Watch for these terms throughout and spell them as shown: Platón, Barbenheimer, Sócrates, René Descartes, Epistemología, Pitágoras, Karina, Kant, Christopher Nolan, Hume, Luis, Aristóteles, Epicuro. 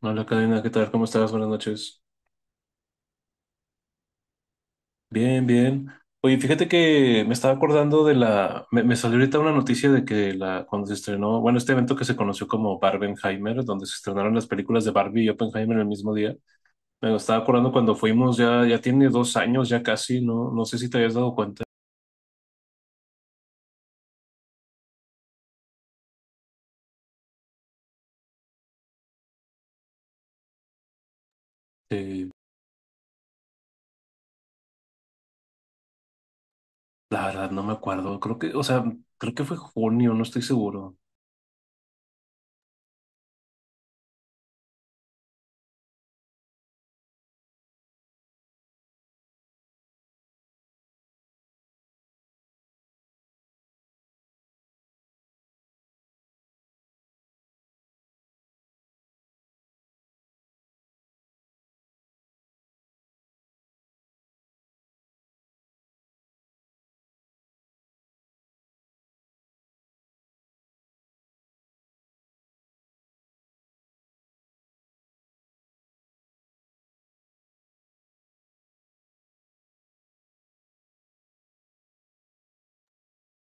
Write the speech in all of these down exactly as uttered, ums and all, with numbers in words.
Hola, Karina, ¿qué tal? ¿Cómo estás? Buenas noches. Bien, bien. Oye, fíjate que me estaba acordando de la... Me, me salió ahorita una noticia de que la, cuando se estrenó, bueno, este evento que se conoció como Barbenheimer, donde se estrenaron las películas de Barbie y Oppenheimer el mismo día. Me estaba acordando cuando fuimos, ya, ya tiene dos años, ya casi, ¿no? No sé si te habías dado cuenta. Eh, la verdad, no me acuerdo. Creo que, o sea, creo que fue junio, no estoy seguro.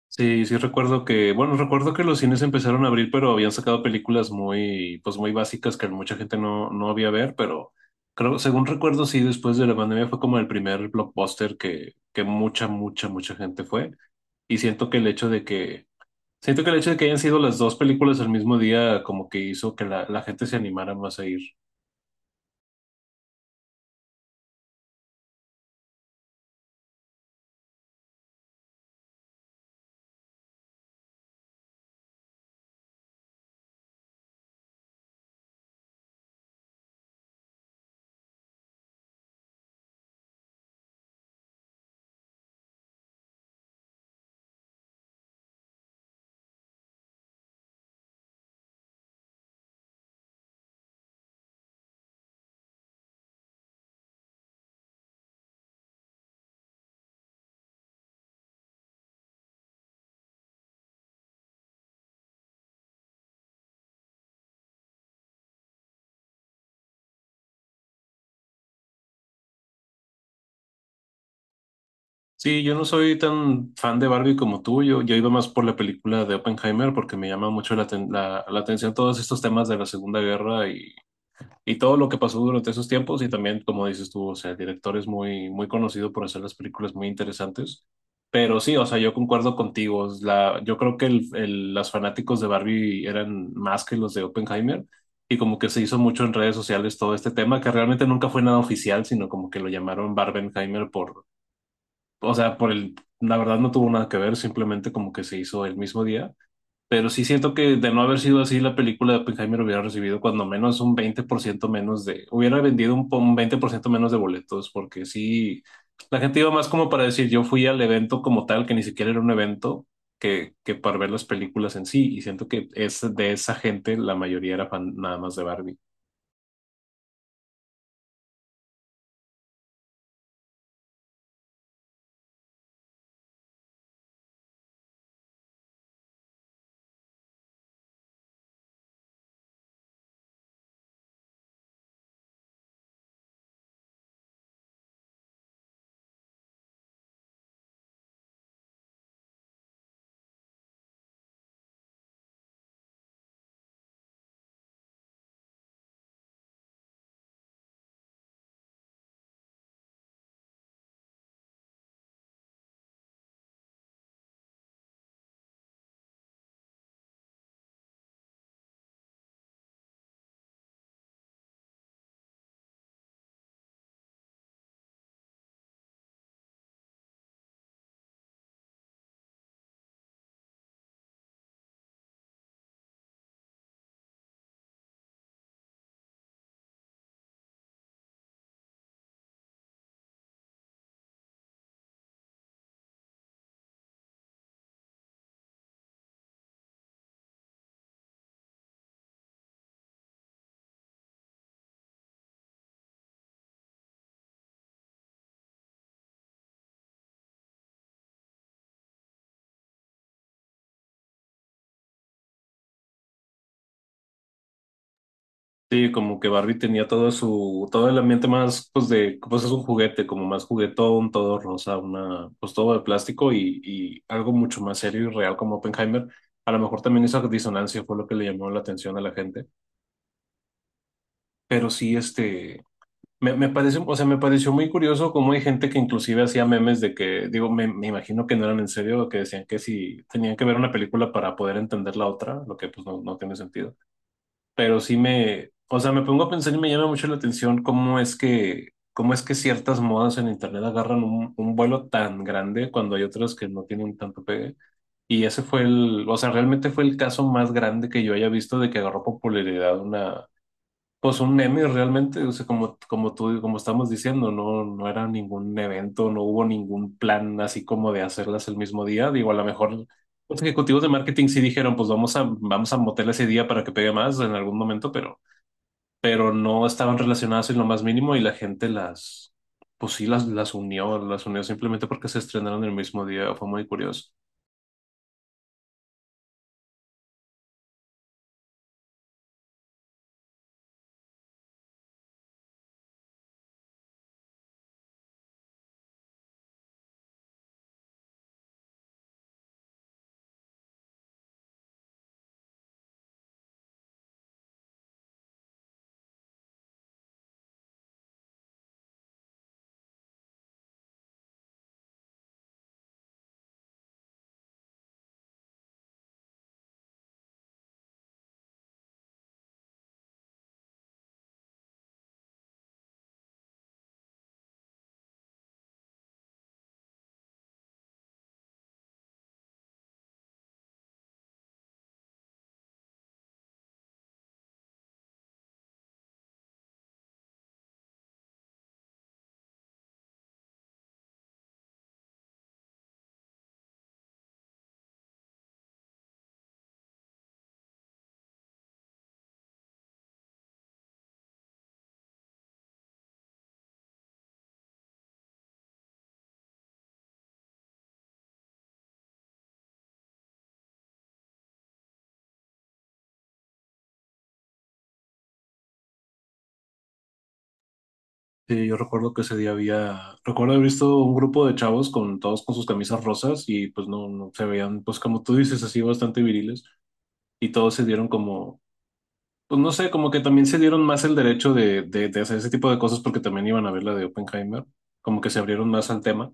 Sí, sí recuerdo que, bueno, recuerdo que los cines empezaron a abrir, pero habían sacado películas muy, pues muy básicas que mucha gente no, no había ver, pero creo, según recuerdo, sí, después de la pandemia fue como el primer blockbuster que, que mucha, mucha, mucha gente fue. Y siento que el hecho de que, siento que el hecho de que hayan sido las dos películas al mismo día, como que hizo que la, la gente se animara más a ir. Sí, yo no soy tan fan de Barbie como tú, yo, yo iba más por la película de Oppenheimer porque me llama mucho la, aten- la, la atención todos estos temas de la Segunda Guerra y todo lo que pasó durante esos tiempos y también, como dices tú, o sea, el director es muy, muy conocido por hacer las películas muy interesantes. Pero sí, o sea, yo concuerdo contigo. Es La, yo creo que el, el- los fanáticos de Barbie eran más que los de Oppenheimer y como que se hizo mucho en redes sociales todo este tema, que realmente nunca fue nada oficial, sino como que lo llamaron Barbenheimer por, o sea, por el, la verdad no tuvo nada que ver, simplemente como que se hizo el mismo día. Pero sí siento que de no haber sido así, la película de Oppenheimer hubiera recibido cuando menos un veinte por ciento menos de, hubiera vendido un, po- un veinte por ciento menos de boletos, porque sí, la gente iba más como para decir, yo fui al evento como tal, que ni siquiera era un evento, que, que para ver las películas en sí, y siento que es de esa gente, la mayoría era fan nada más de Barbie. Sí, como que Barbie tenía todo su, todo el ambiente más, pues de, pues es un juguete, como más juguetón, todo rosa, una, pues todo de plástico y, y algo mucho más serio y real como Oppenheimer. A lo mejor también esa disonancia fue lo que le llamó la atención a la gente. Pero sí, este, me, me parece, o sea, me pareció muy curioso cómo hay gente que inclusive hacía memes de que, digo, me, me imagino que no eran en serio, que decían que si tenían que ver una película para poder entender la otra, lo que pues no, no tiene sentido, pero sí me, o sea, me pongo a pensar y me llama mucho la atención cómo es que, cómo es que ciertas modas en internet agarran un, un vuelo tan grande cuando hay otras que no tienen tanto pegue. Y ese fue el, o sea, realmente fue el caso más grande que yo haya visto de que agarró popularidad una, pues un meme realmente, o sea, como, como tú, como estamos diciendo, no, no era ningún evento, no hubo ningún plan así como de hacerlas el mismo día. Digo, a lo mejor los ejecutivos de marketing sí dijeron, pues vamos a, vamos a motel ese día para que pegue más en algún momento, pero pero no estaban relacionadas en lo más mínimo y la gente las, pues sí, las, las unió, las unió simplemente porque se estrenaron el mismo día, fue muy curioso. Sí, yo recuerdo que ese día había, recuerdo haber visto un grupo de chavos con todos con sus camisas rosas y pues no, no se veían, pues como tú dices, así bastante viriles y todos se dieron como, pues no sé, como que también se dieron más el derecho de, de, de hacer ese tipo de cosas porque también iban a ver la de Oppenheimer, como que se abrieron más al tema.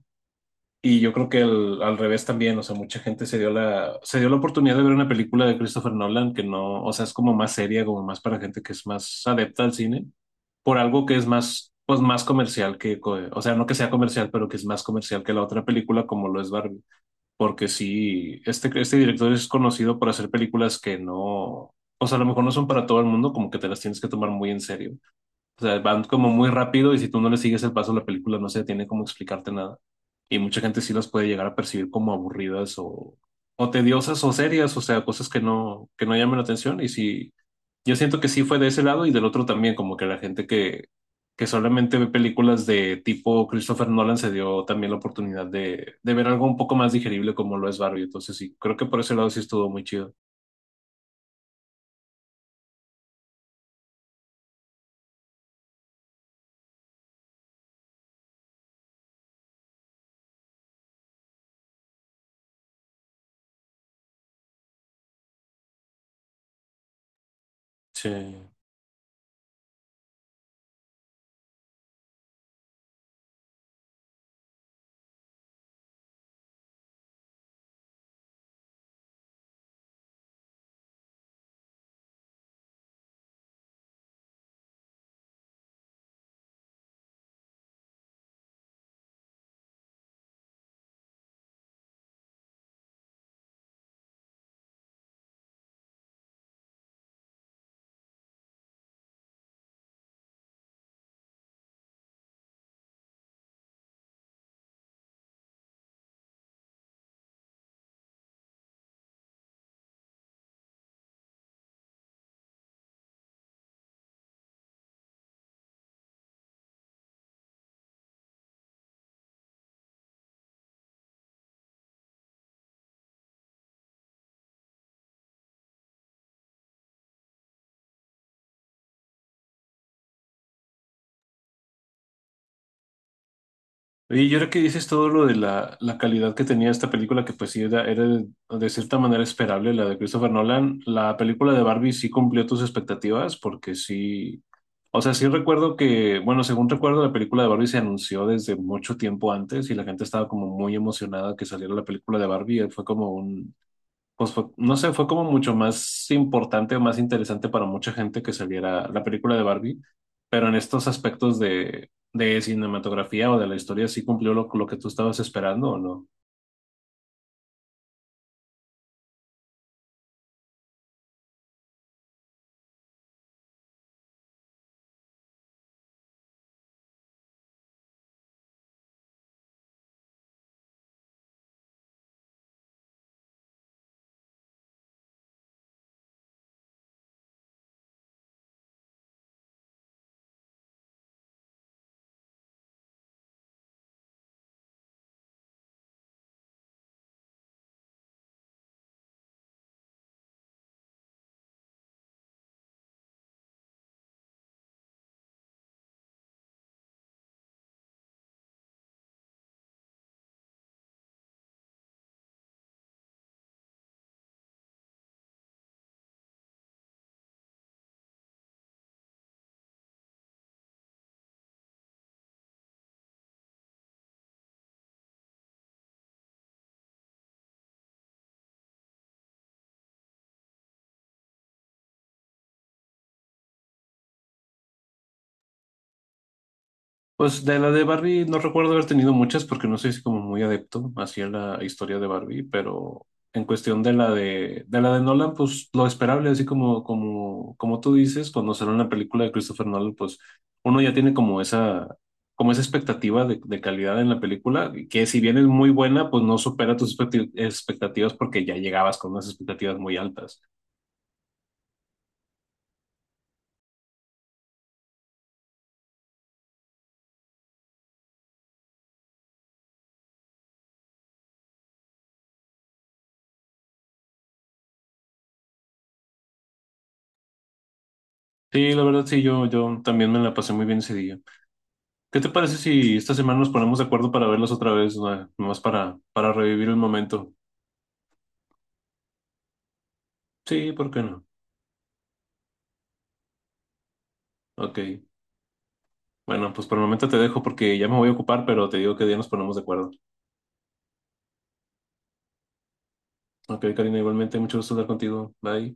Y yo creo que al, al revés también, o sea, mucha gente se dio la, se dio la oportunidad de ver una película de Christopher Nolan que no, o sea, es como más seria, como más para gente que es más adepta al cine, por algo que es más, pues más comercial que, co- o sea, no que sea comercial, pero que es más comercial que la otra película como lo es Barbie. Porque sí, este, este director es conocido por hacer películas que no, o sea, a lo mejor no son para todo el mundo, como que te las tienes que tomar muy en serio. O sea, van como muy rápido y si tú no le sigues el paso, la película no se tiene como explicarte nada. Y mucha gente sí las puede llegar a percibir como aburridas o, o tediosas o serias, o sea, cosas que no, que no llaman la atención. Y sí, yo siento que sí fue de ese lado y del otro también, como que la gente que, que solamente ve películas de tipo Christopher Nolan se dio también la oportunidad de, de ver algo un poco más digerible como lo es Barbie. Entonces sí, creo que por ese lado sí estuvo muy chido. Sí. Y yo creo que dices todo lo de la, la calidad que tenía esta película, que pues sí era, era de, de cierta manera esperable, la de Christopher Nolan. La película de Barbie sí cumplió tus expectativas, porque sí, o sea, sí recuerdo que, bueno, según recuerdo, la película de Barbie se anunció desde mucho tiempo antes y la gente estaba como muy emocionada que saliera la película de Barbie. Fue como un, pues fue- no sé, fue como mucho más importante o más interesante para mucha gente que saliera la película de Barbie, pero en estos aspectos de, de cinematografía o de la historia, ¿sí cumplió lo, lo que tú estabas esperando o no? Pues de la de Barbie no recuerdo haber tenido muchas porque no soy así como muy adepto hacia la historia de Barbie, pero en cuestión de la de, de la de Nolan, pues lo esperable, así como, como, como tú dices, cuando sale una película de Christopher Nolan, pues uno ya tiene como esa, como esa expectativa de, de calidad en la película, que si bien es muy buena, pues no supera tus expecti- expectativas porque ya llegabas con unas expectativas muy altas. Sí, la verdad sí, yo, yo también me la pasé muy bien ese día. ¿Qué te parece si esta semana nos ponemos de acuerdo para verlos otra vez, no Nomás para, para revivir el momento. Sí, ¿por qué no? Ok. Bueno, pues por el momento te dejo porque ya me voy a ocupar, pero te digo que día nos ponemos de acuerdo. Ok, Karina, igualmente, mucho gusto hablar contigo. Bye.